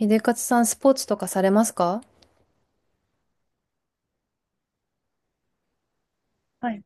秀勝さん、スポーツとかされますか？はい。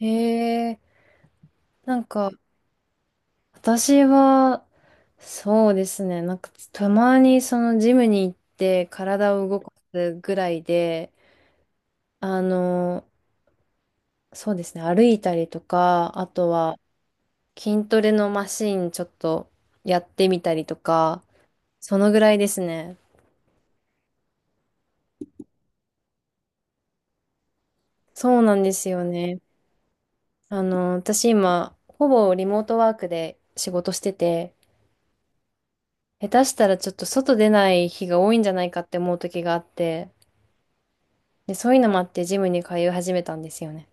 へえ、なんか、私は、たまにそのジムに行って、体を動かすぐらいで、あの、そうですね、歩いたりとか、あとは、筋トレのマシンちょっとやってみたりとか、そのぐらいですね。そうなんですよね。私今、ほぼリモートワークで仕事してて、下手したらちょっと外出ない日が多いんじゃないかって思う時があって、で、そういうのもあってジムに通い始めたんですよね。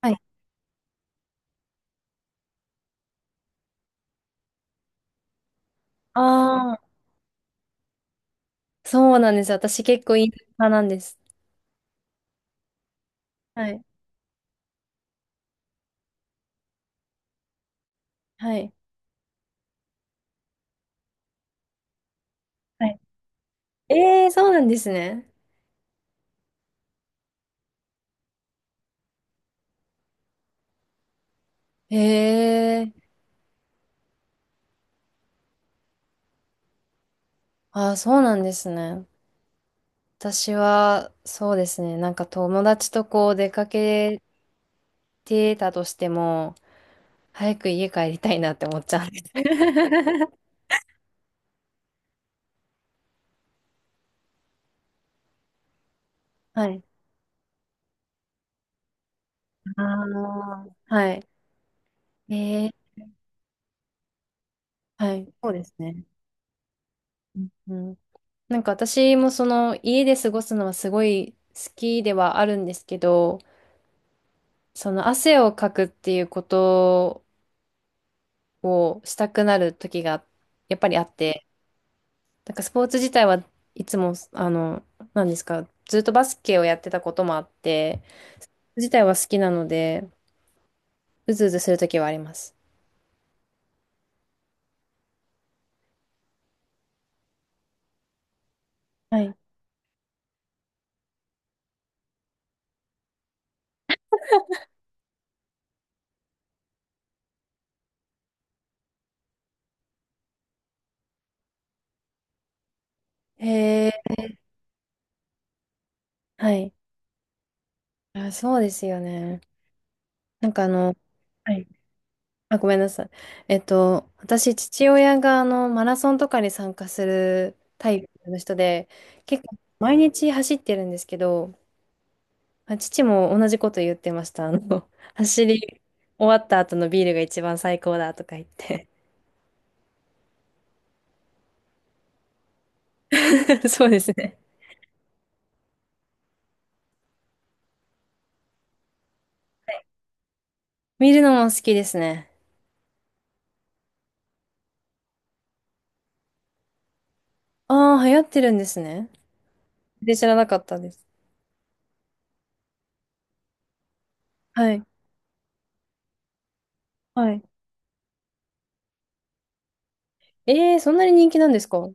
はい。ああ、そうなんです。私結構イン派なんです。はい。はい。はい。ええー、そうなんですね。ええー、ああ、そうなんですね。私は、そうですね。なんか友達とこう出かけてたとしても、早く家帰りたいなって思っちゃうんです。はい。ああ、はい。え、はい。そうですね。うんうん。なんか私もその家で過ごすのはすごい好きではあるんですけど、その汗をかくっていうことをしたくなる時がやっぱりあって、なんかスポーツ自体はいつも、なんですか、ずっとバスケをやってたこともあって、自体は好きなので、うずうずする時はあります。はい。へえ、はい。あ、そうですよね。なんかあの、はいあ、ごめんなさい。私、父親があのマラソンとかに参加するタイプの人で、結構毎日走ってるんですけど、まあ父も同じこと言ってました。あの、走り終わった後のビールが一番最高だとか言って。そうですね。見るのも好きですね。ああ、流行ってるんですね。で、知らなかったです。はい。はい。えー、そんなに人気なんですか？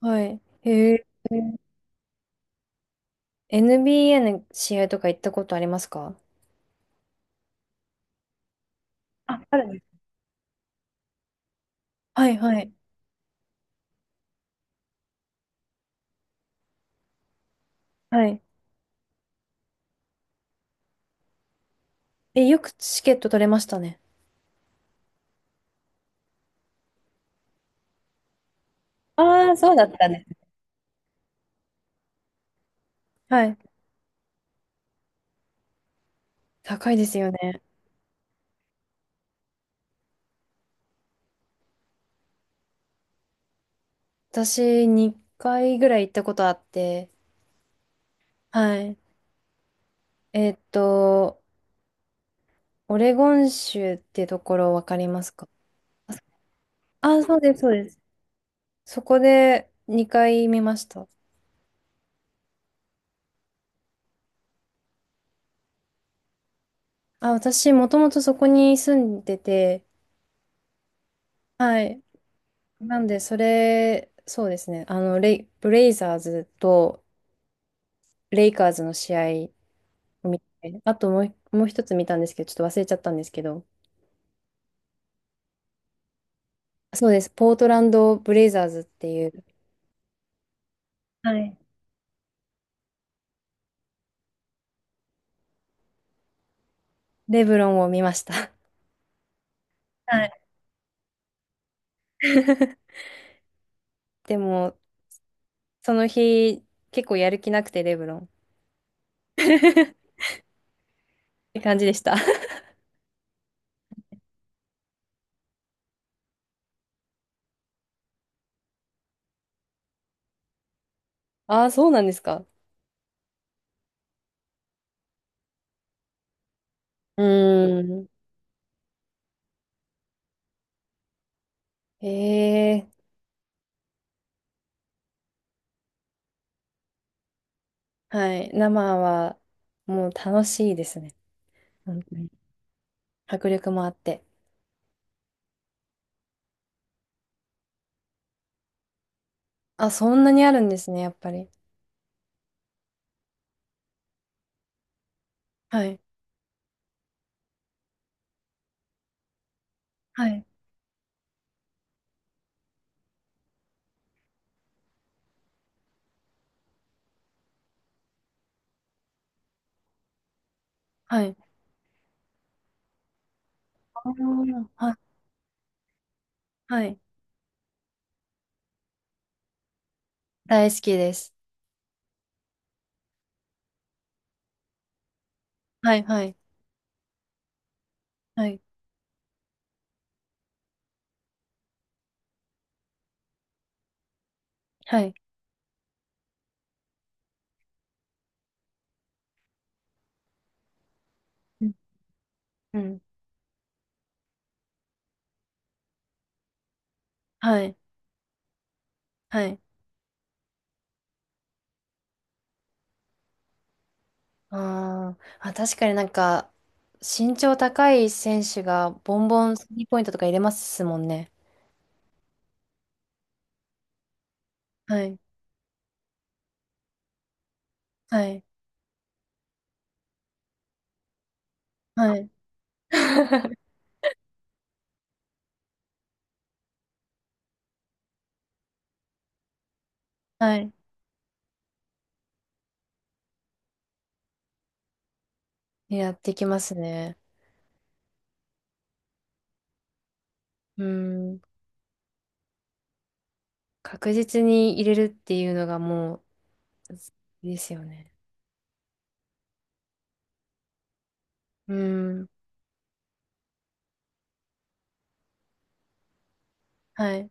はい。へえ。NBA の試合とか行ったことありますか？あ、あるんです。はいはい。はい。え、よくチケット取れましたね。ああ、そうだったね。はい。高いですよね。私、2回ぐらい行ったことあって、はい。えーっと、オレゴン州ってところわかりますか？ああ、そうです、そうです。そこで2回見ました。あ、私、もともとそこに住んでて、はい。なんで、それ、そうですね。あの、レイ、ブレイザーズとレイカーズの試合見てあともう、もう一つ見たんですけど、ちょっと忘れちゃったんですけど、そうです、ポートランド・ブレイザーズっていう。はい。レブロンを見ました。はい。でも、その日、結構やる気なくて、レブロン。って感じでした。ああ、そうなんですか。うーん。ええ、はい。生は、もう楽しいですね。本当に。迫力もあって。あ、そんなにあるんですね、やっぱり。はい。はい。はい。あー、はい。はい。大好きです。はい、はい、はい、はい。うん、うん。はい、はい。あーあ、確かになんか、身長高い選手がボンボンスリーポイントとか入れますもんね。はい、はい、はい。はい。やってきますね。うん。確実に入れるっていうのがもう、いいですよね。うん。はい。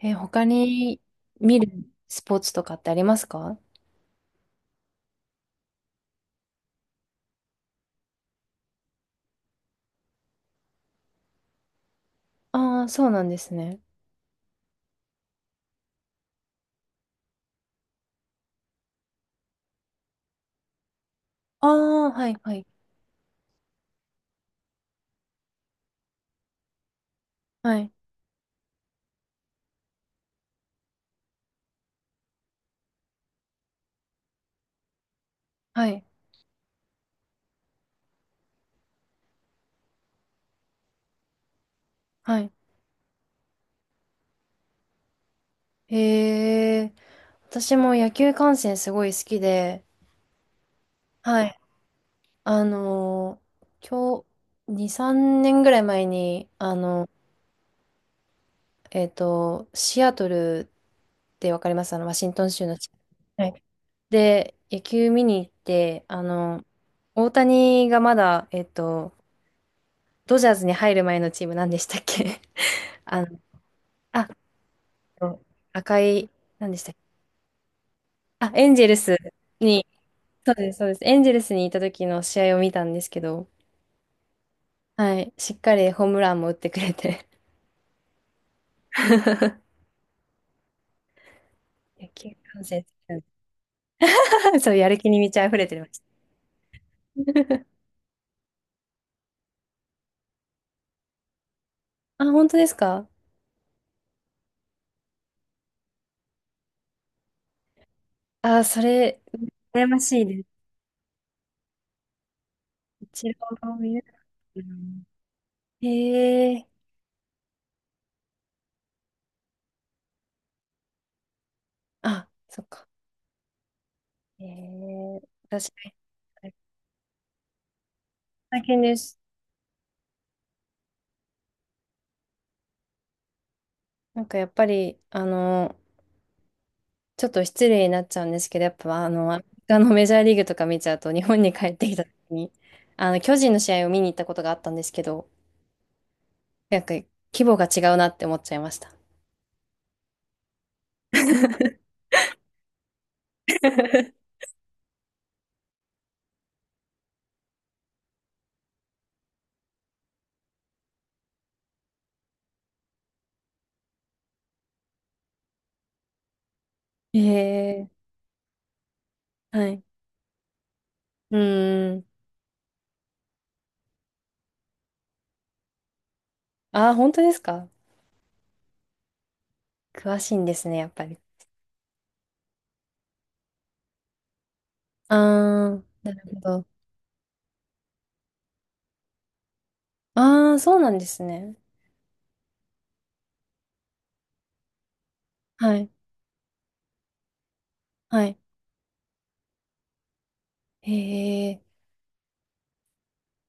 え、他に見るスポーツとかってありますか？ああー、そうなんですね。ああ、はい、はい、はい、はい。はい。へえ、私も野球観戦すごい好きで、はい。あのー、今日、2、3年ぐらい前に、シアトルってわかります、あの、ワシントン州の近く。はい。で、野球見に行って、大谷がまだ、ドジャーズに入る前のチーム何でしたっけ？ あの、あ、赤い、何でしたっけ？あ、エンジェルスに。そうです、そうです。エンゼルスにいた時の試合を見たんですけど、はい、しっかりホームランも打ってくれて。野球観戦してたんで そう、やる気に満ち溢れてました。あ、本当ですか？あ、それ、羨ましいです。イー見れたかな。へえ、あ、そっか。へえ、私、大変です。なんかやっぱり、ちょっと失礼になっちゃうんですけど、やっぱあの、アメリカの メジャーリーグとか見ちゃうと、日本に帰ってきた時に、あの、巨人の試合を見に行ったことがあったんですけど、なんか規模が違うなって思っちゃいました。へえ、はい。うーん。ああ、本当ですか？詳しいんですね、やっぱり。ああ、なるほど。ああ、そうなんですね。はい。はい。へえ。